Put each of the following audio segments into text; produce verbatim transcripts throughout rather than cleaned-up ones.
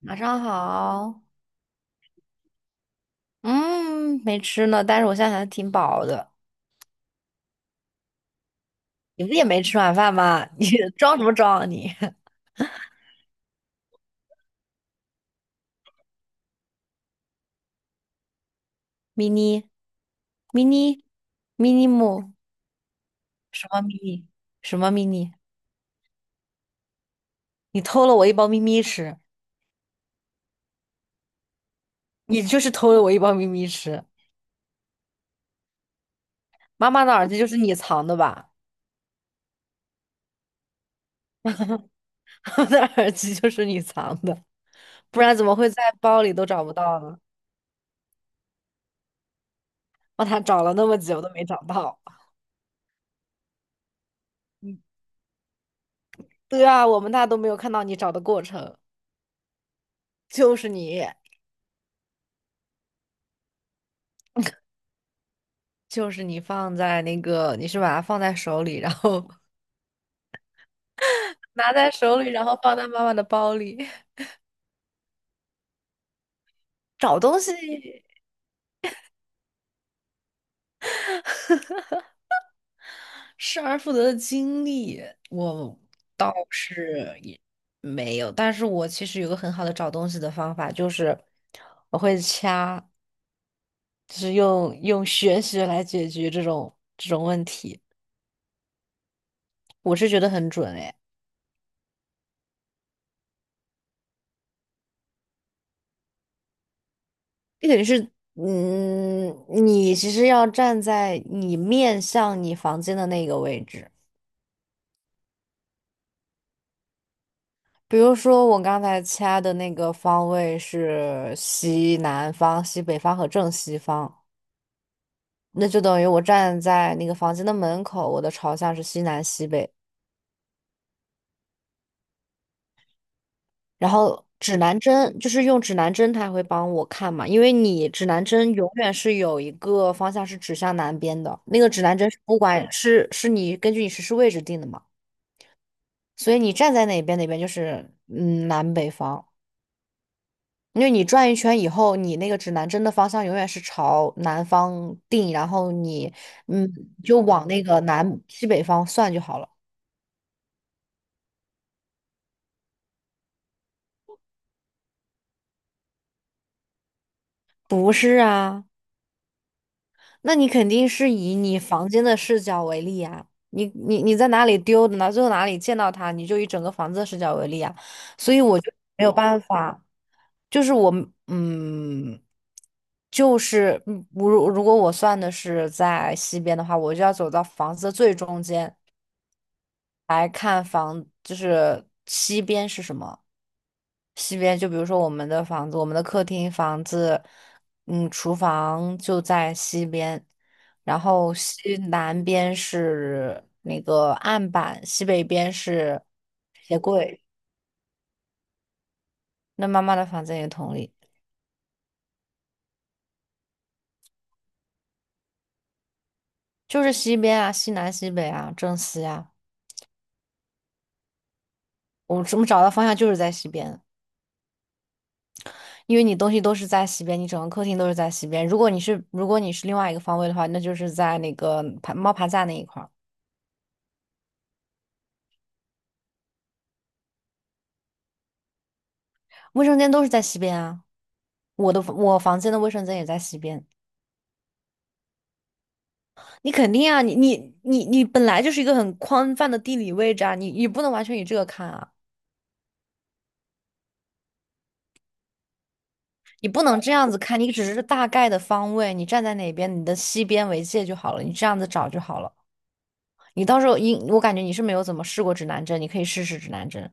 晚上好，嗯，没吃呢，但是我现在还挺饱的。你不也没吃晚饭吗？你装什么装啊你 ？mini mini mini 木什么 mini 什么 mini？你偷了我一包咪咪吃，你就是偷了我一包咪咪吃。妈妈的耳机就是你藏的吧？我的耳机就是你藏的，不然怎么会在包里都找不到呢？我他找了那么久都没找到。嗯，对啊，我们那都没有看到你找的过程，就是你。就是你放在那个，你是把它放在手里，然后 拿在手里，然后放在妈妈的包里。找东西失而复得的经历，我倒是也没有，但是我其实有个很好的找东西的方法，就是我会掐，就是用用玄学来解决这种这种问题，我是觉得很准诶。这等于是，嗯，你其实要站在你面向你房间的那个位置。比如说我刚才掐的那个方位是西南方、西北方和正西方，那就等于我站在那个房间的门口，我的朝向是西南西北。然后指南针就是用指南针，它会帮我看嘛，因为你指南针永远是有一个方向是指向南边的，那个指南针是不管是是你根据你实时位置定的嘛，所以你站在哪边哪边就是嗯南北方。因为你转一圈以后，你那个指南针的方向永远是朝南方定，然后你嗯就往那个南西北方算就好了。不是啊，那你肯定是以你房间的视角为例啊。你你你在哪里丢的呢？最后哪里见到它，你就以整个房子的视角为例啊。所以我就没有办法，就是我嗯，就是嗯，如如果我算的是在西边的话，我就要走到房子的最中间，来看房，就是西边是什么？西边就比如说我们的房子，我们的客厅房子，嗯，厨房就在西边，然后西南边是那个案板，西北边是鞋柜。那妈妈的房子也同理，就是西边啊，西南西北啊，正西啊，我怎么找到方向就是在西边啊。因为你东西都是在西边，你整个客厅都是在西边。如果你是如果你是另外一个方位的话，那就是在那个爬猫爬架那一块儿，卫生间都是在西边啊。我的我房间的卫生间也在西边，你肯定啊，你你你你本来就是一个很宽泛的地理位置啊，你你不能完全以这个看啊，你不能这样子看，你只是大概的方位，你站在哪边，你的西边为界就好了，你这样子找就好了。你到时候，你我感觉你是没有怎么试过指南针，你可以试试指南针，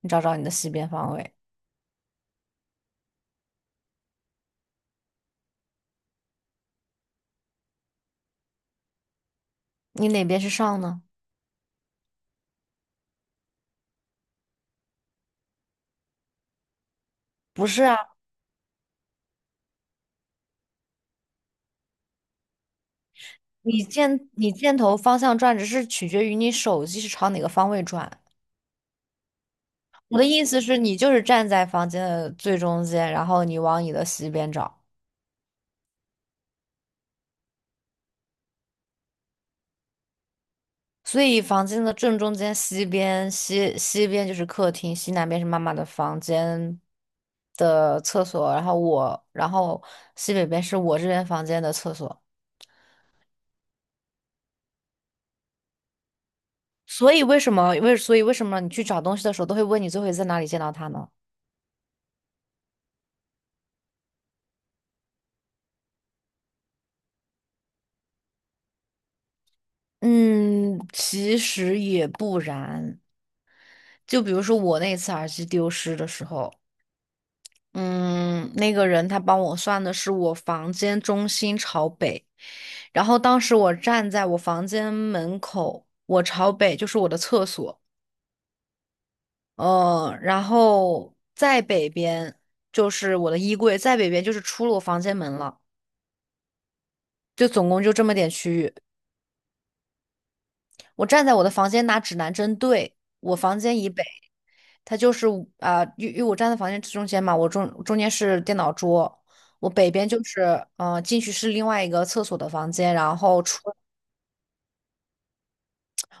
你找找你的西边方位。你哪边是上呢？不是啊，你箭你箭头方向转，只是取决于你手机是朝哪个方位转。我的意思是，你就是站在房间的最中间，然后你往你的西边找。所以房间的正中间，西边西西边就是客厅，西南边是妈妈的房间的厕所，然后我，然后西北边是我这边房间的厕所。所以为什么为所以为什么你去找东西的时候都会问你最后一次在哪里见到他呢？嗯，其实也不然。就比如说我那次耳机丢失的时候，嗯，那个人他帮我算的是我房间中心朝北，然后当时我站在我房间门口，我朝北就是我的厕所，嗯，然后再北边就是我的衣柜，再北边就是出了我房间门了，就总共就这么点区域。我站在我的房间拿指南针对我房间以北，它就是啊、呃因为因为我站在房间中间嘛，我中中间是电脑桌，我北边就是嗯、呃进去是另外一个厕所的房间，然后出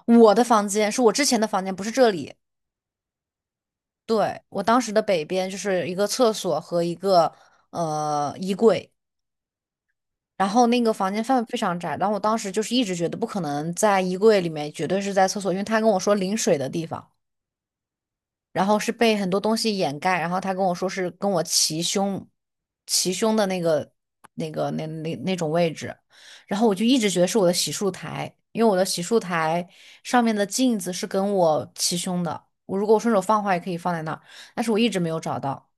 我的房间是我之前的房间，不是这里。对，我当时的北边就是一个厕所和一个呃衣柜，然后那个房间范围非常窄，然后我当时就是一直觉得不可能在衣柜里面，绝对是在厕所，因为他跟我说淋水的地方。然后是被很多东西掩盖，然后他跟我说是跟我齐胸，齐胸的那个那个那那那种位置，然后我就一直觉得是我的洗漱台，因为我的洗漱台上面的镜子是跟我齐胸的，我如果我顺手放的话也可以放在那儿，但是我一直没有找到，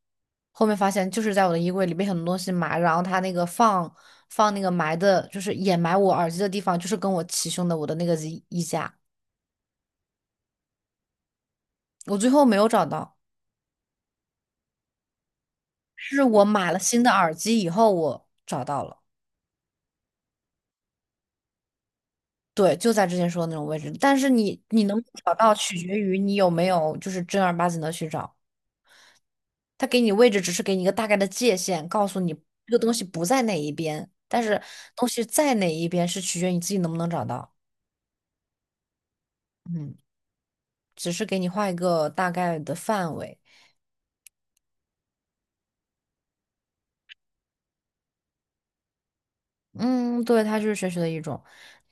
后面发现就是在我的衣柜里被很多东西埋，然后他那个放放那个埋的，就是掩埋我耳机的地方，就是跟我齐胸的我的那个衣衣架，我最后没有找到。是我买了新的耳机以后，我找到了，对，就在之前说的那种位置。但是你你能不能找到，取决于你有没有就是正儿八经的去找。他给你位置，只是给你一个大概的界限，告诉你这个东西不在哪一边，但是东西在哪一边是取决于你自己能不能找到。嗯，只是给你画一个大概的范围。嗯，对，它就是玄学的一种，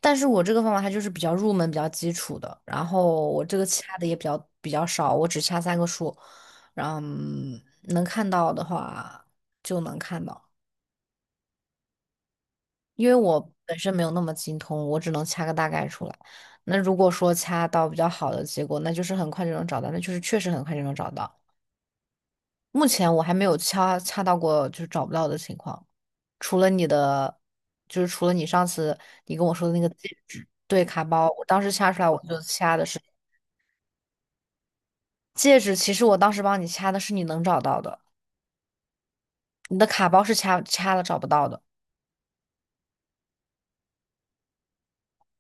但是我这个方法它就是比较入门、比较基础的，然后我这个掐的也比较比较少，我只掐三个数，然后嗯能看到的话就能看到，因为我本身没有那么精通，我只能掐个大概出来。那如果说掐到比较好的结果，那就是很快就能找到，那就是确实很快就能找到。目前我还没有掐掐到过就是找不到的情况，除了你的，就是除了你上次你跟我说的那个戒指，对，卡包，我当时掐出来我就掐的是戒指，其实我当时帮你掐的是你能找到的，你的卡包是掐掐了找不到的。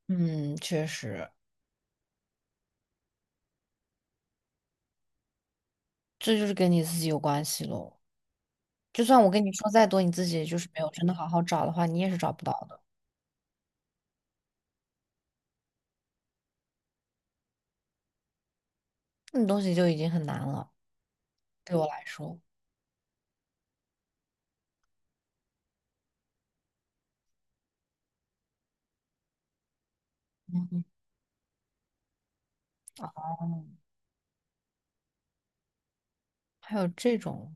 嗯，确实，这就是跟你自己有关系喽。就算我跟你说再多，你自己就是没有真的好好找的话，你也是找不到的。那东西就已经很难了，对我来说。嗯，嗯还有这种。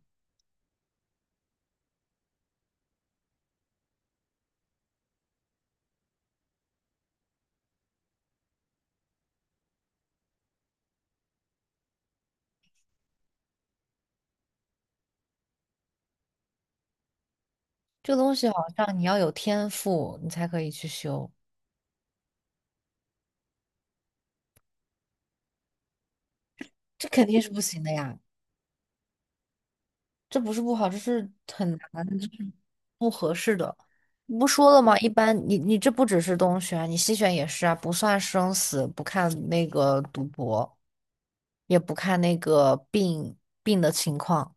这个东西好像你要有天赋，你才可以去修，这肯定是不行的呀。这不是不好，这是很难，这是不合适的。不说了吗？一般你你这不只是东选，你西选也是啊，不算生死，不看那个赌博，也不看那个病病的情况，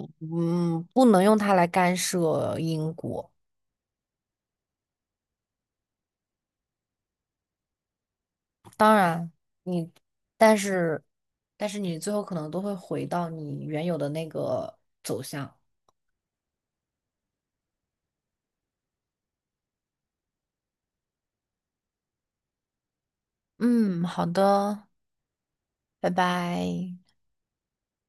嗯，不能用它来干涉因果。当然，你但是但是你最后可能都会回到你原有的那个走向。嗯，好的，拜拜。